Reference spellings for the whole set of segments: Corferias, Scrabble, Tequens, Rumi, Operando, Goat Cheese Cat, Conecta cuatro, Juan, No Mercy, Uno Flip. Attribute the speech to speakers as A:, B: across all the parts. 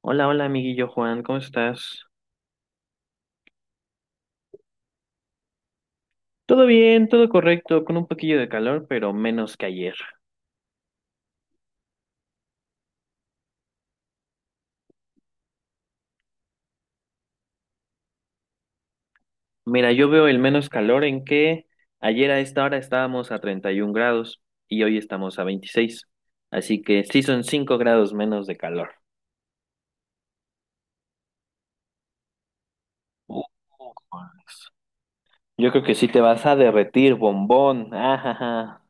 A: Hola, hola, amiguillo Juan, ¿cómo estás? Todo bien, todo correcto, con un poquillo de calor, pero menos que ayer. Mira, yo veo el menos calor en que ayer a esta hora estábamos a 31 grados y hoy estamos a 26. Así que sí son 5 grados menos de calor. Uh, Yo creo que sí te vas a derretir, bombón. Ajaja.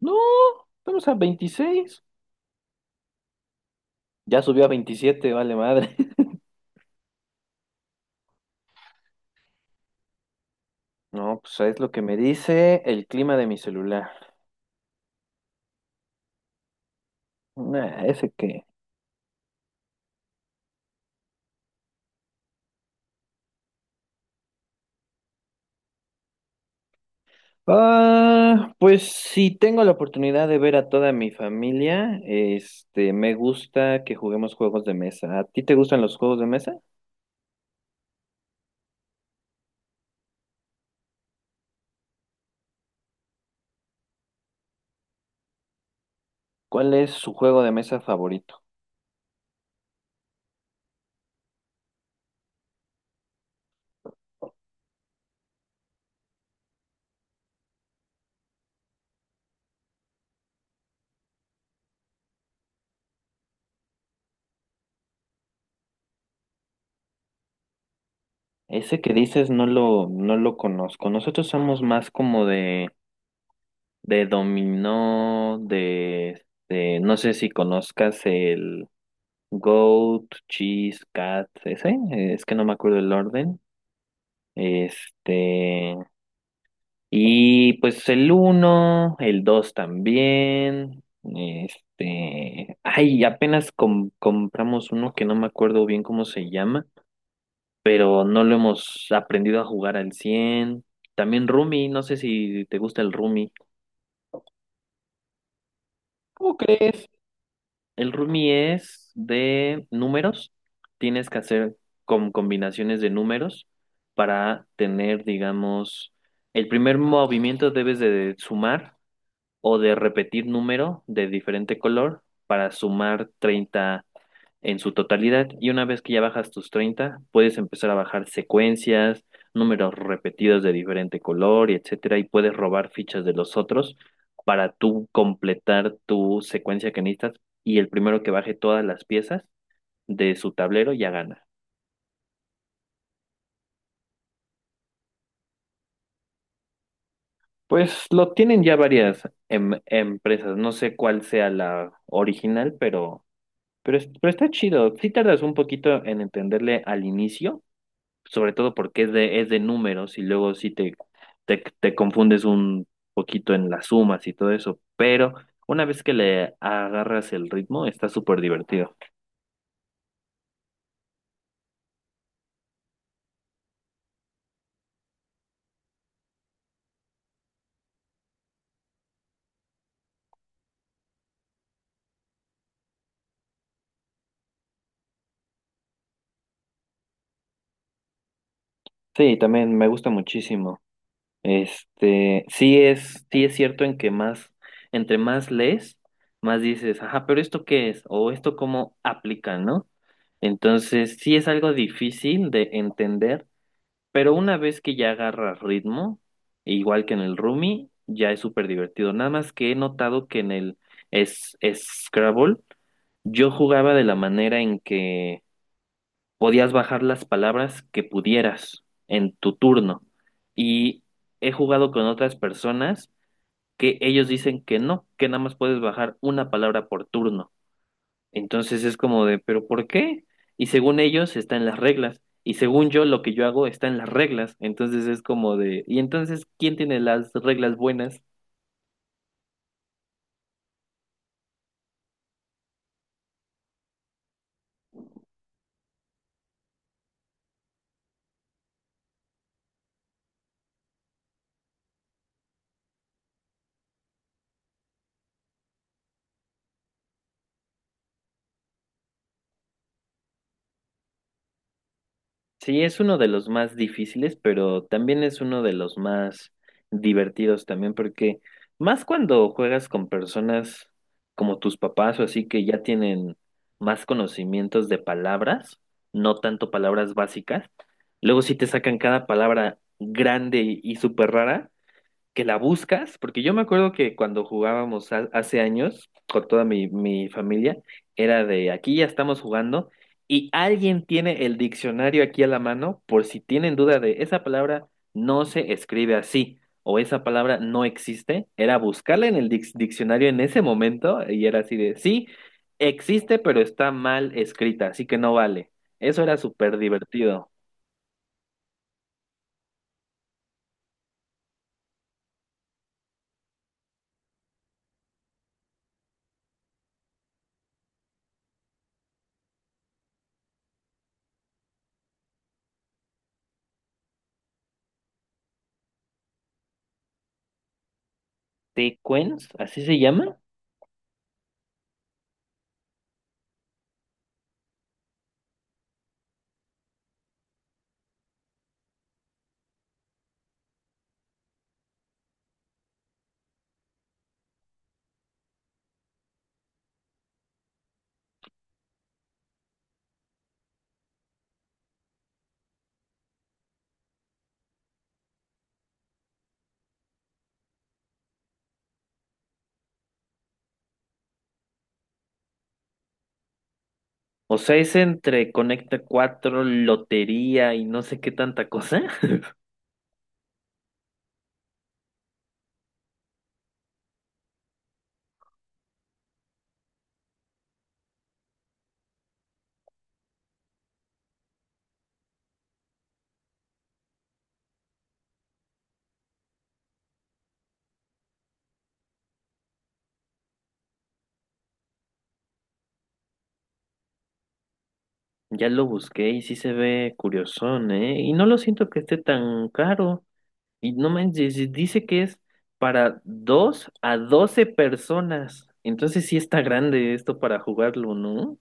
A: No, estamos a 26. Ya subió a 27, vale madre. No, pues es lo que me dice el clima de mi celular. Nah, ese que. Ah, pues si tengo la oportunidad de ver a toda mi familia, este, me gusta que juguemos juegos de mesa. ¿A ti te gustan los juegos de mesa? ¿Cuál es su juego de mesa favorito? Ese que dices no lo conozco. Nosotros somos más como de, dominó, no sé si conozcas el Goat, Cheese, Cat, ese, es que no me acuerdo el orden. Este, y pues el uno, el 2 también. Este, ay, apenas compramos uno que no me acuerdo bien cómo se llama, pero no lo hemos aprendido a jugar al cien. También Rumi, no sé si te gusta el Rumi. ¿Cómo crees? El Rumi es de números. Tienes que hacer con combinaciones de números para tener, digamos, el primer movimiento debes de sumar o de repetir número de diferente color para sumar 30 en su totalidad. Y una vez que ya bajas tus 30 puedes empezar a bajar secuencias, números repetidos de diferente color y etcétera, y puedes robar fichas de los otros para tú completar tu secuencia que necesitas, y el primero que baje todas las piezas de su tablero ya gana. Pues lo tienen ya varias empresas, no sé cuál sea la original, pero, pero está chido. Sí tardas un poquito en entenderle al inicio, sobre todo porque es de números y luego sí te, te confundes un poquito en las sumas y todo eso. Pero una vez que le agarras el ritmo, está súper divertido. Sí, también me gusta muchísimo. Este, sí es cierto en que más, entre más lees, más dices, ajá, pero ¿esto qué es? O ¿esto cómo aplica, no? Entonces, sí es algo difícil de entender. Pero una vez que ya agarras ritmo, igual que en el Rumi, ya es súper divertido. Nada más que he notado que en el es Scrabble, yo jugaba de la manera en que podías bajar las palabras que pudieras en tu turno. Y he jugado con otras personas que ellos dicen que no, que nada más puedes bajar una palabra por turno. Entonces es como de, ¿pero por qué? Y según ellos está en las reglas. Y según yo, lo que yo hago está en las reglas. Entonces es como de, ¿y entonces quién tiene las reglas buenas? Sí, es uno de los más difíciles, pero también es uno de los más divertidos también, porque más cuando juegas con personas como tus papás o así que ya tienen más conocimientos de palabras, no tanto palabras básicas. Luego si te sacan cada palabra grande y súper rara, que la buscas, porque yo me acuerdo que cuando jugábamos hace años con toda mi familia, era de aquí ya estamos jugando y alguien tiene el diccionario aquí a la mano por si tienen duda de esa palabra no se escribe así o esa palabra no existe, era buscarla en el diccionario en ese momento y era así de sí, existe pero está mal escrita, así que no vale. Eso era súper divertido. ¿Tequens? ¿Así se llama? O sea, es entre Conecta Cuatro, lotería y no sé qué tanta cosa. Ya lo busqué y sí se ve curiosón, ¿eh? Y no lo siento que esté tan caro. Y no manches, y dice que es para 2 a 12 personas. Entonces sí está grande esto para jugarlo, ¿no?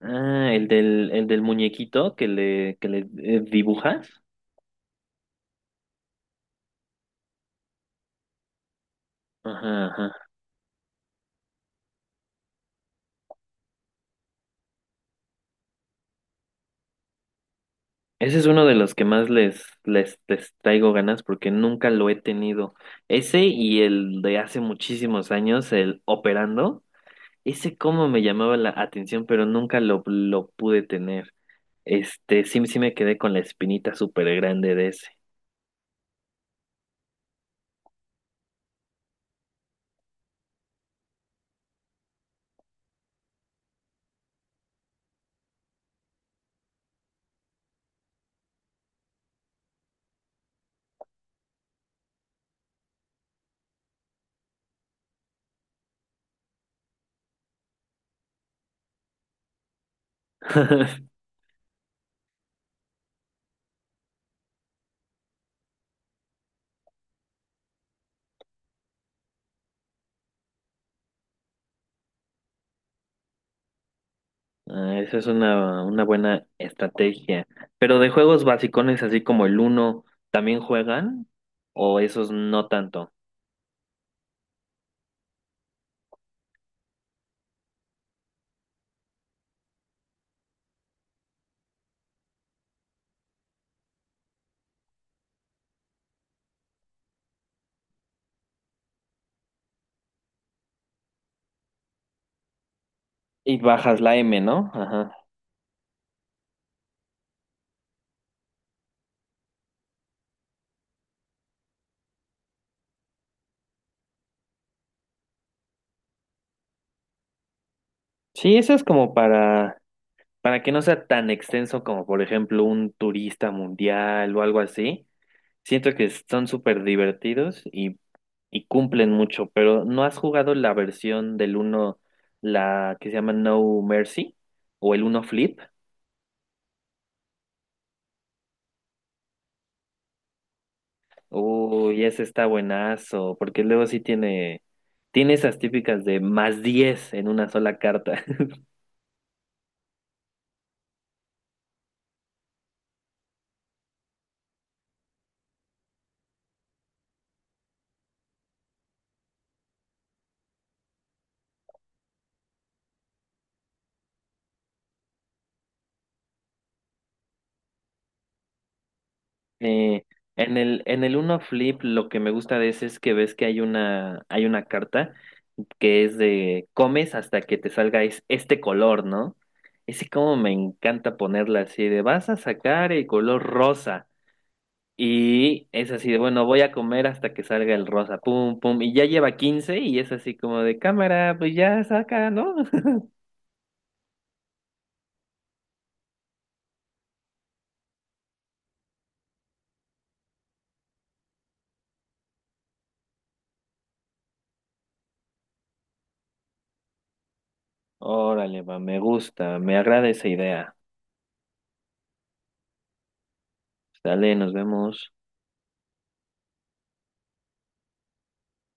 A: Ah, el del muñequito que le, que le dibujas. Ajá, ajá. Ese es uno de los que más les traigo ganas porque nunca lo he tenido. Ese y el de hace muchísimos años, el Operando, ese como me llamaba la atención, pero nunca lo pude tener. Este, sí, sí me quedé con la espinita súper grande de ese. Ah, esa es una buena estrategia. Pero de juegos basicones, así como el Uno, ¿también juegan? ¿O esos no tanto? Y bajas la M, ¿no? Ajá. Sí, eso es como para que no sea tan extenso como, por ejemplo, un turista mundial o algo así, siento que son súper divertidos y cumplen mucho, pero ¿no has jugado la versión del uno, la que se llama No Mercy o el uno Flip? Uy, ese está buenazo, porque luego sí tiene, tiene esas típicas de más 10 en una sola carta. Eh, en el Uno Flip lo que me gusta de ese es que ves que hay una carta que es de comes hasta que te salga este color, ¿no? Ese como me encanta ponerla así de vas a sacar el color rosa. Y es así de bueno, voy a comer hasta que salga el rosa, pum, pum. Y ya lleva 15 y es así como de cámara, pues ya saca, ¿no? Órale, va, me gusta, me agrada esa idea. Dale, nos vemos.